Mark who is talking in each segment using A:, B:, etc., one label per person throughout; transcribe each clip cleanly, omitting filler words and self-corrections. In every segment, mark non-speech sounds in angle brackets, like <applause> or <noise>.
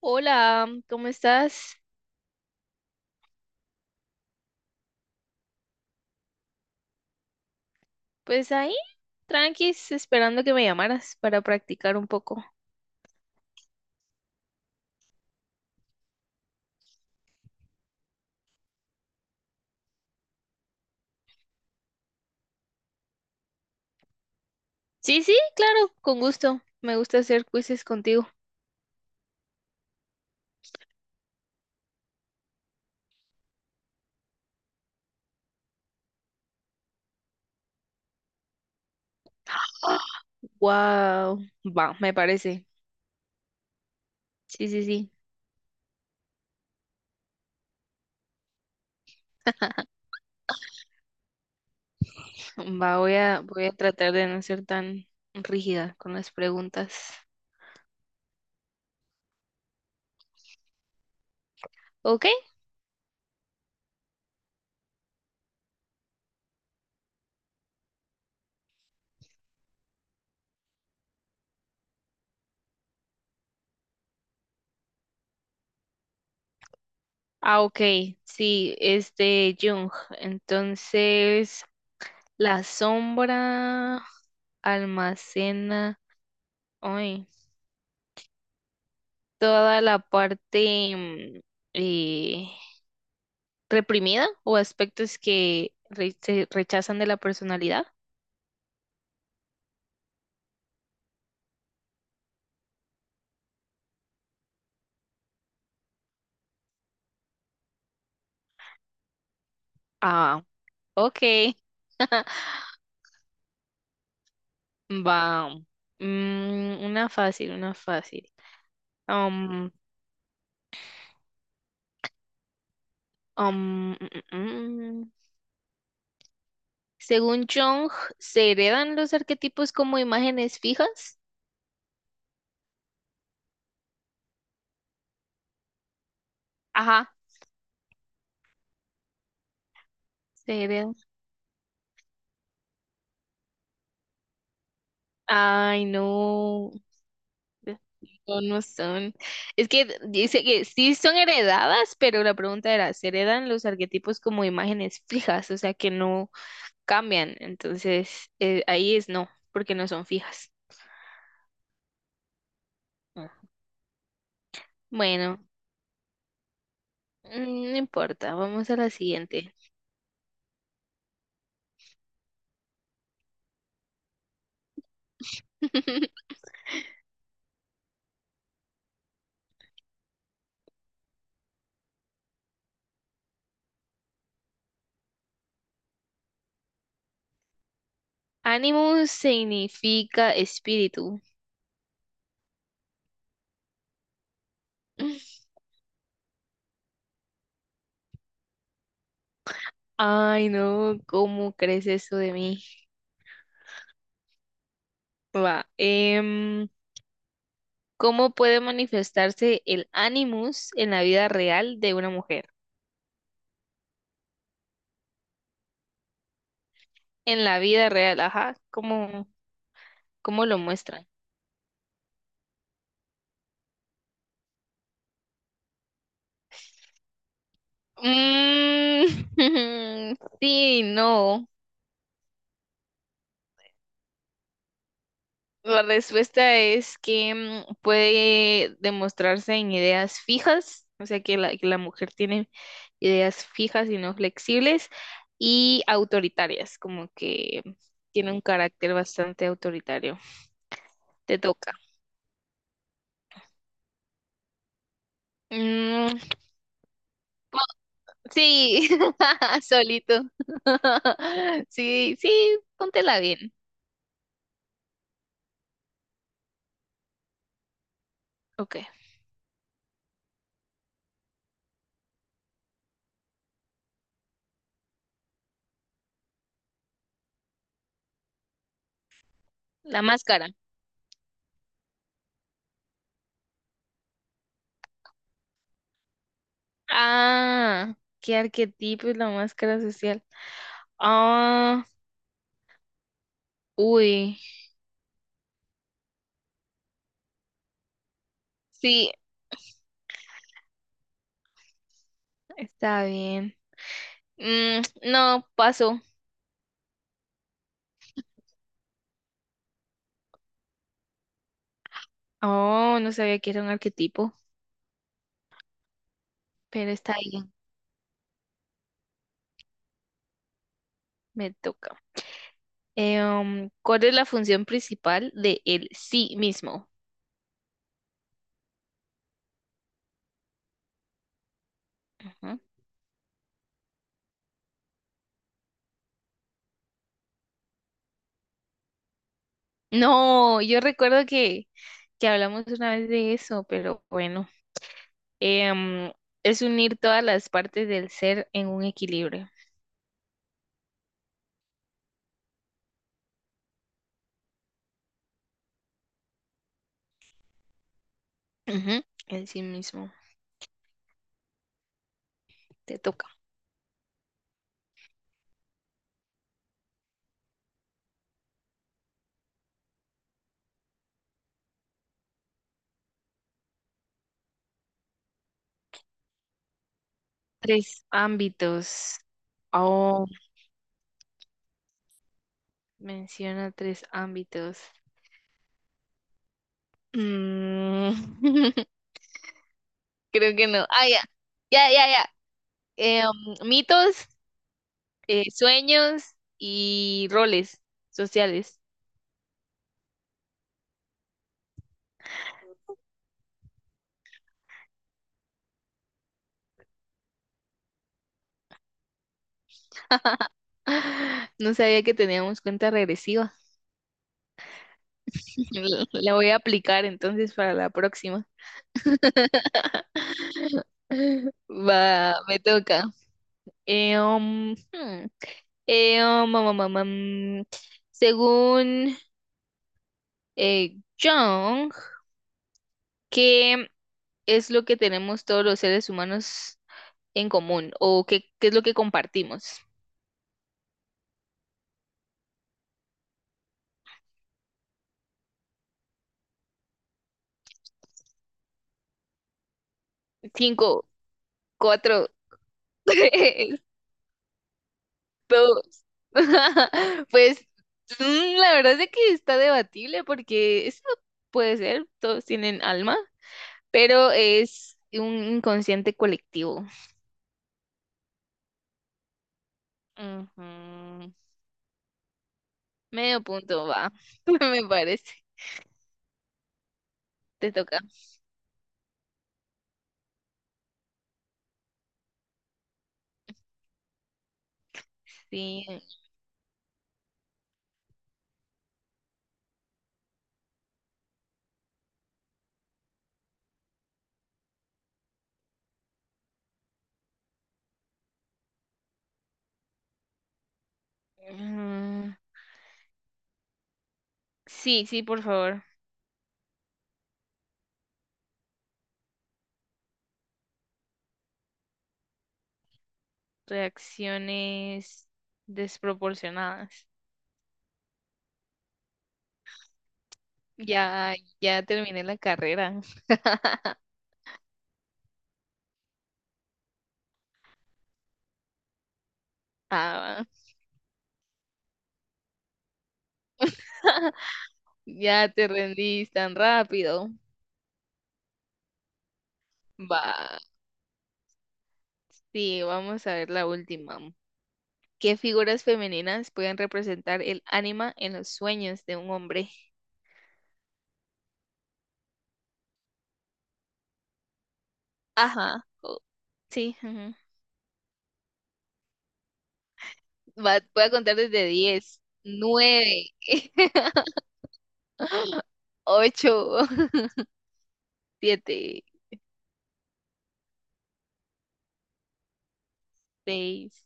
A: Hola, ¿cómo estás? Pues ahí, tranquis, esperando que me llamaras para practicar un poco. Sí, sí, claro, con gusto. Me gusta hacer quizzes contigo. Wow, va, me parece. Sí, sí, sí. Va, voy a tratar de no ser tan rígida con las preguntas. ¿Ok? Ah, ok. Sí, es de Jung. Entonces, la sombra almacena. Ay, toda la parte eh, reprimida o aspectos que se rechazan de la personalidad. Ah, ok. <laughs> Va. Una fácil, una fácil. Um, um, mm, mm, mm. Según Jung, ¿se heredan los arquetipos como imágenes fijas? Ajá, se heredan. Ay, no. No, no son. Es que dice que sí son heredadas, pero la pregunta era, ¿se heredan los arquetipos como imágenes fijas? O sea, que no cambian. Entonces, ahí es no, porque no son fijas. Ah. Bueno, no importa, vamos a la siguiente. <laughs> Animus significa espíritu. Ay, no, ¿cómo crees eso de mí? Va, ¿cómo puede manifestarse el animus en la vida real de una mujer? En la vida real, ajá, ¿cómo lo muestran? Mm, <laughs> sí, no. La respuesta es que puede demostrarse en ideas fijas, o sea que la, mujer tiene ideas fijas y no flexibles, y autoritarias, como que tiene un carácter bastante autoritario. Te toca. Mm, sí, <laughs> solito. <laughs> Sí, sí, póntela bien. Ok. La máscara. Ah, qué arquetipo es la máscara social. Ah, uy, sí, está bien. Mm, no, paso. Oh, no sabía que era un arquetipo, pero está bien, me toca. ¿Cuál es la función principal de el sí mismo? Ujú. No, yo recuerdo que hablamos una vez de eso, pero bueno. Eh, um, es unir todas las partes del ser en un equilibrio. Ujú, en sí mismo. Te toca. Tres ámbitos. Oh, menciona tres ámbitos. Mm, <laughs> creo que no. Ah, ya. Ya, ya, ya. Eh, mitos, sueños y roles sociales. <laughs> No sabía que teníamos cuenta regresiva. <laughs> La voy a aplicar entonces para la próxima. <laughs> Va, me toca. Um, hmm. Um, um, um, um, um, según Jung, ¿qué es lo que tenemos todos los seres humanos en común? ¿O qué es lo que compartimos? Cinco, cuatro, <laughs> tres, dos. <laughs> Pues la verdad es que está debatible porque eso puede ser, todos tienen alma, pero es un inconsciente colectivo. Ujú. Medio punto va, <laughs> me parece. Te toca. Sí. Mm, sí, sí, por favor. Reacciones desproporcionadas. Ya, ya terminé la carrera. Ah, ya te rendís tan rápido. Va. Sí, vamos a ver la última. ¿Qué figuras femeninas pueden representar el ánima en los sueños de un hombre? Ajá. Sí, ajá. Va, voy a contar desde 10 9 <laughs> 8 7 6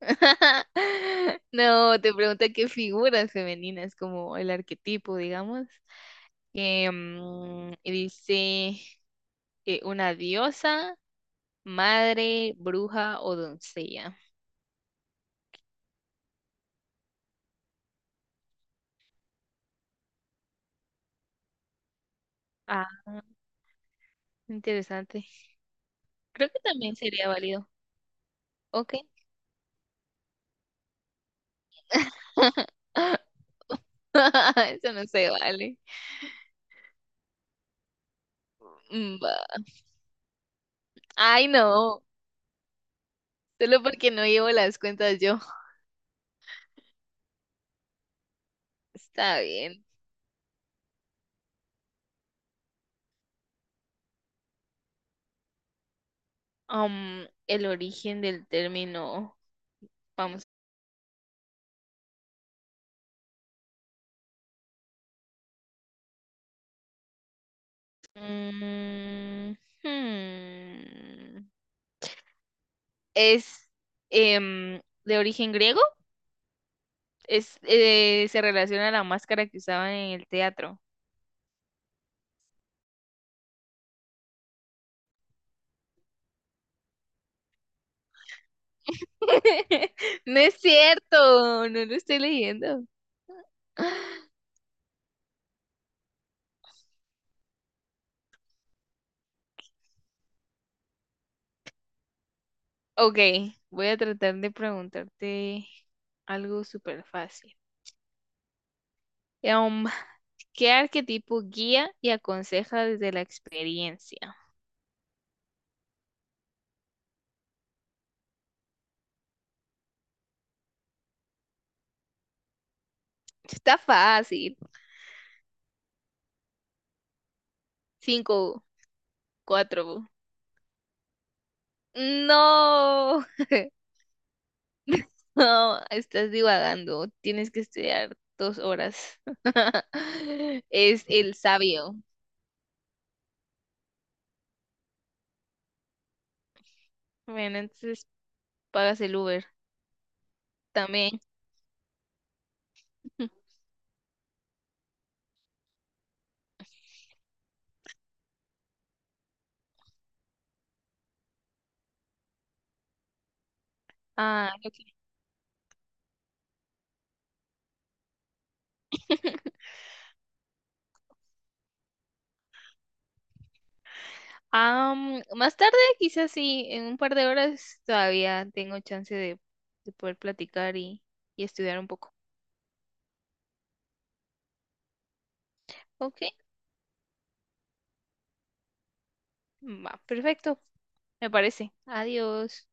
A: <laughs> No, te pregunta qué figuras femeninas, como el arquetipo, digamos. Y dice una diosa, madre, bruja o doncella. Ah, interesante. Creo que también sería válido. Ok. <laughs> Eso no se vale. Mm, va. Ay, no. Solo porque no llevo las cuentas yo. Está bien. El origen del término. Vamos Mm, hmm. Es de origen griego, se relaciona a la máscara que usaban en el teatro. <laughs> No es cierto, no lo estoy leyendo. Ok, voy a tratar de preguntarte algo súper fácil. Em, ¿Qué arquetipo guía y aconseja desde la experiencia? Está fácil. Cinco, cuatro. No. <laughs> No, estás divagando. Tienes que estudiar 2 horas. <laughs> Es el sabio. Bueno, entonces pagas el Uber también. <laughs> Ah, ok. Ah, más tarde, quizás sí, en un par de horas todavía tengo chance de, poder platicar y estudiar un poco. Ok, va, perfecto, me parece. Adiós.